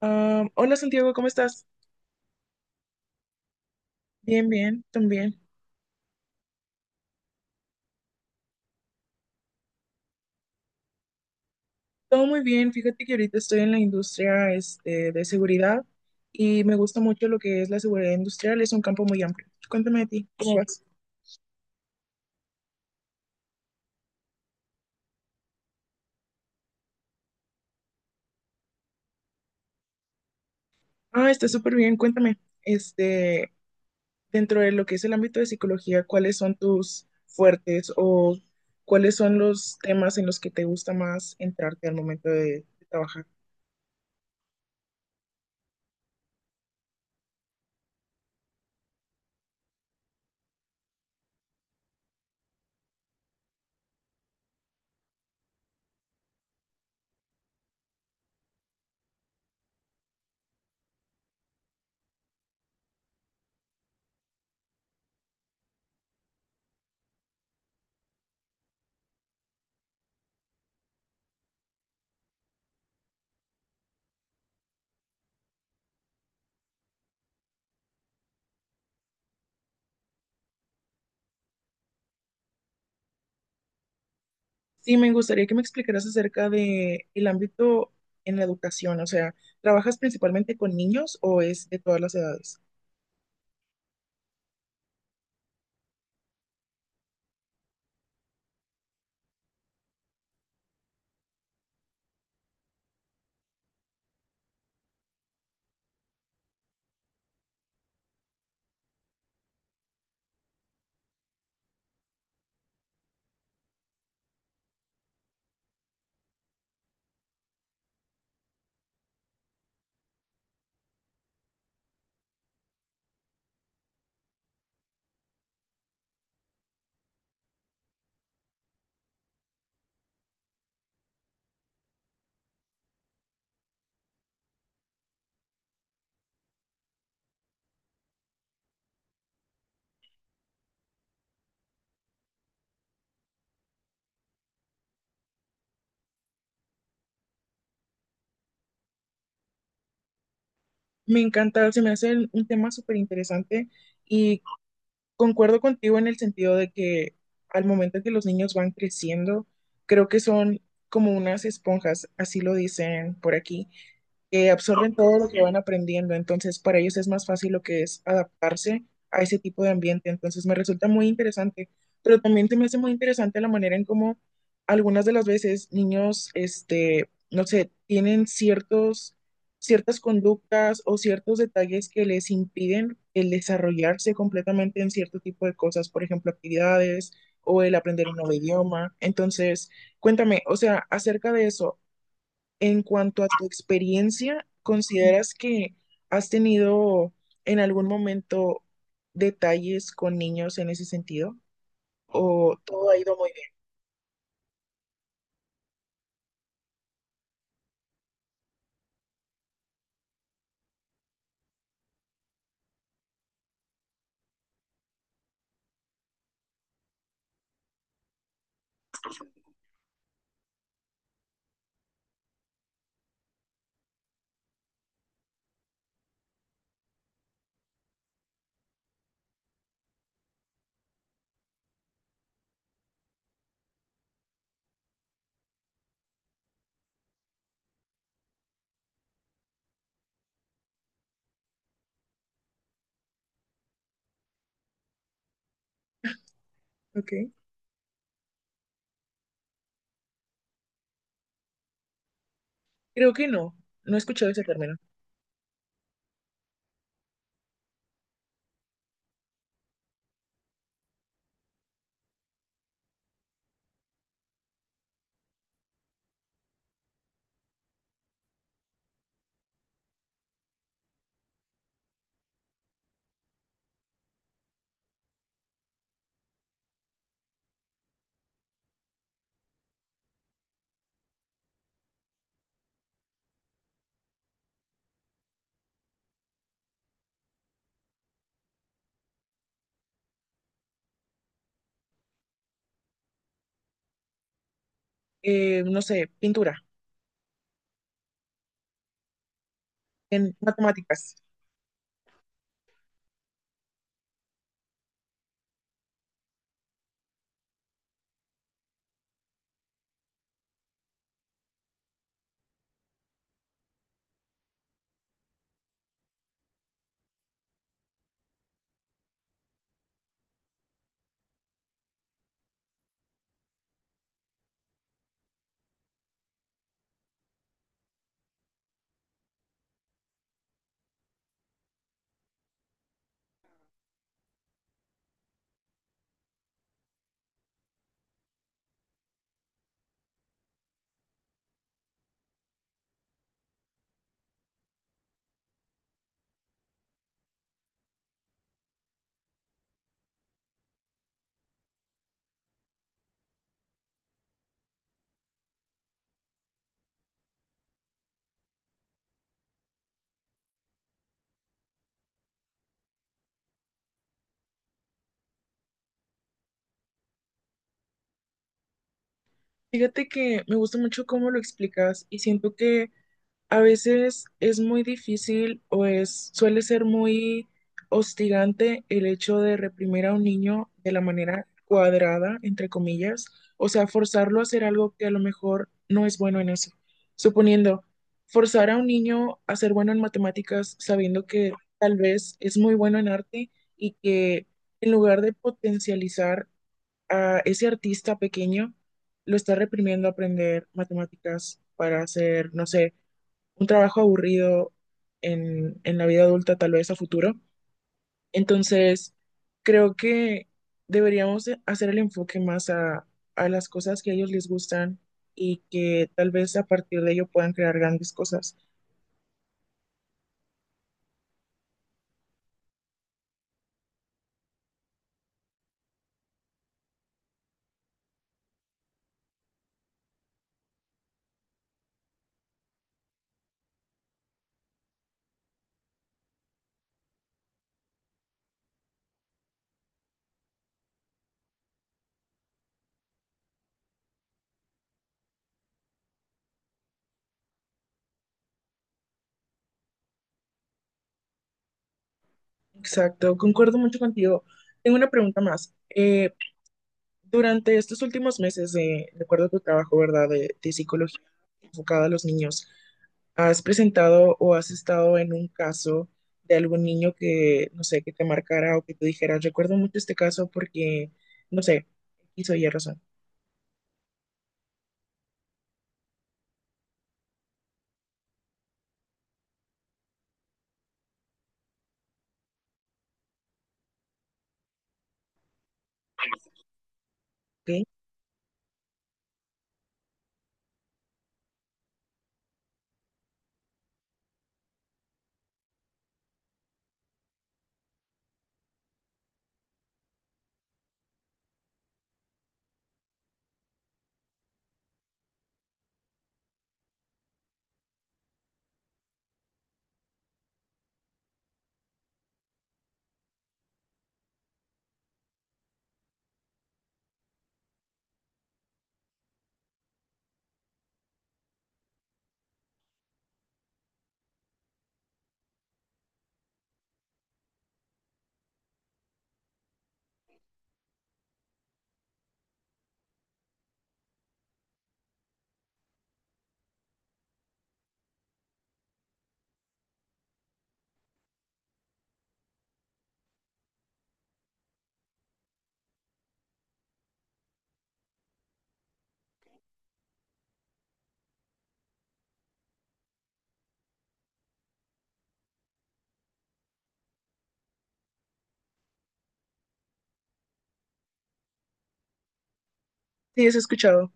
Hola, Santiago, ¿cómo estás? Bien, bien, también. Todo muy bien. Fíjate que ahorita estoy en la industria de seguridad y me gusta mucho lo que es la seguridad industrial. Es un campo muy amplio. Cuéntame de ti, ¿cómo vas? Ah, está súper bien. Cuéntame, este, dentro de lo que es el ámbito de psicología, ¿cuáles son tus fuertes o cuáles son los temas en los que te gusta más entrarte al momento de trabajar? Sí, me gustaría que me explicaras acerca de el ámbito en la educación, o sea, ¿trabajas principalmente con niños o es de todas las edades? Me encanta, se me hace un tema súper interesante y concuerdo contigo en el sentido de que al momento que los niños van creciendo, creo que son como unas esponjas, así lo dicen por aquí, que absorben todo lo que van aprendiendo, entonces para ellos es más fácil lo que es adaptarse a ese tipo de ambiente, entonces me resulta muy interesante, pero también se me hace muy interesante la manera en cómo algunas de las veces niños, no sé, ciertas conductas o ciertos detalles que les impiden el desarrollarse completamente en cierto tipo de cosas, por ejemplo, actividades o el aprender un nuevo idioma, entonces... Cuéntame, o sea, acerca de eso, en cuanto a tu experiencia, ¿consideras que has tenido en algún momento detalles con niños en ese sentido? ¿O todo ha ido muy bien? Ok. Creo que no, no he escuchado ese término. No sé, pintura, en matemáticas. Fíjate que me gusta mucho cómo lo explicas y siento que a veces es muy difícil suele ser muy hostigante el hecho de reprimir a un niño de la manera cuadrada, entre comillas, o sea, forzarlo a hacer algo que a lo mejor no es bueno en eso. Suponiendo, forzar a un niño a ser bueno en matemáticas sabiendo que tal vez es muy bueno en arte y que en lugar de potencializar a ese artista pequeño, lo está reprimiendo a aprender matemáticas para hacer, no sé, un trabajo aburrido en la vida adulta, tal vez a futuro. Entonces, creo que deberíamos de hacer el enfoque más a las cosas que a ellos les gustan y que tal vez a partir de ello puedan crear grandes cosas. Exacto, concuerdo mucho contigo. Tengo una pregunta más. Durante estos últimos meses, de acuerdo a tu trabajo, ¿verdad?, de psicología enfocada a los niños, ¿has presentado o has estado en un caso de algún niño que, no sé, que te marcara o que te dijera, recuerdo mucho este caso porque, no sé, hizo Y razón, ¿ok? Sí, has escuchado.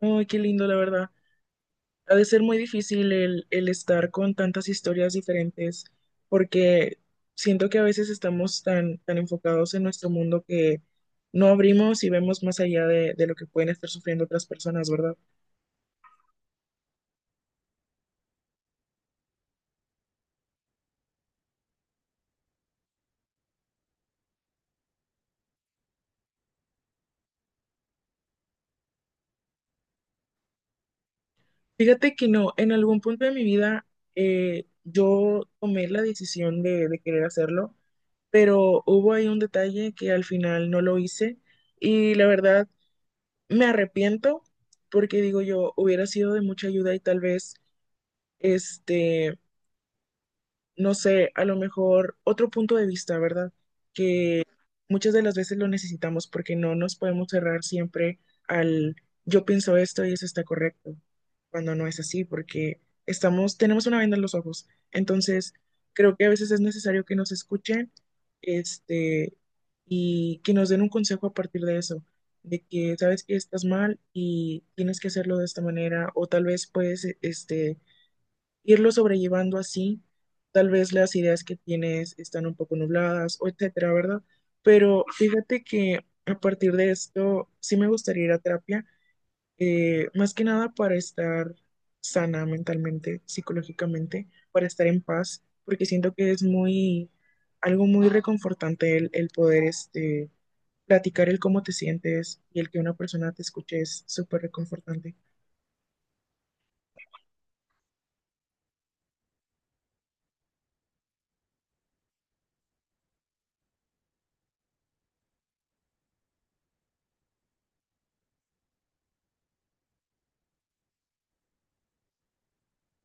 Ay, qué lindo, la verdad. Ha de ser muy difícil el estar con tantas historias diferentes, porque siento que a veces estamos tan enfocados en nuestro mundo que no abrimos y vemos más allá de lo que pueden estar sufriendo otras personas, ¿verdad? Fíjate que no, en algún punto de mi vida yo tomé la decisión de querer hacerlo, pero hubo ahí un detalle que al final no lo hice y la verdad me arrepiento porque digo yo, hubiera sido de mucha ayuda y tal vez... Este, no sé, a lo mejor otro punto de vista, ¿verdad? Muchas de las veces lo necesitamos porque no nos podemos cerrar siempre al yo pienso esto y eso está correcto, cuando no es así, porque estamos, tenemos una venda en los ojos. Entonces, creo que a veces es necesario que nos escuchen, este, y que nos den un consejo a partir de eso, de que sabes que estás mal y tienes que hacerlo de esta manera, o tal vez puedes, irlo sobrellevando así. Tal vez las ideas que tienes están un poco nubladas o etcétera, ¿verdad? Pero fíjate que a partir de esto sí me gustaría ir a terapia, más que nada para estar sana mentalmente, psicológicamente, para estar en paz, porque siento que algo muy reconfortante el poder platicar el cómo te sientes y el que una persona te escuche es súper reconfortante.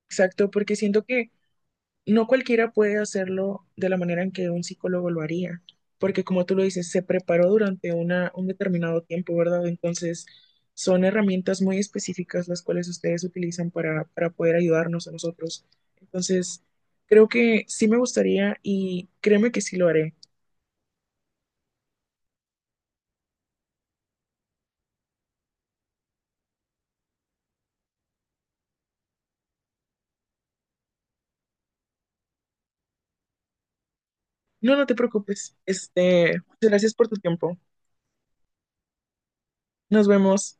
Exacto, porque siento que no cualquiera puede hacerlo de la manera en que un psicólogo lo haría, porque como tú lo dices, se preparó durante un determinado tiempo, ¿verdad? Entonces, son herramientas muy específicas las cuales ustedes utilizan para poder ayudarnos a nosotros. Entonces, creo que sí me gustaría y créeme que sí lo haré. No, no te preocupes. Este, gracias por tu tiempo. Nos vemos.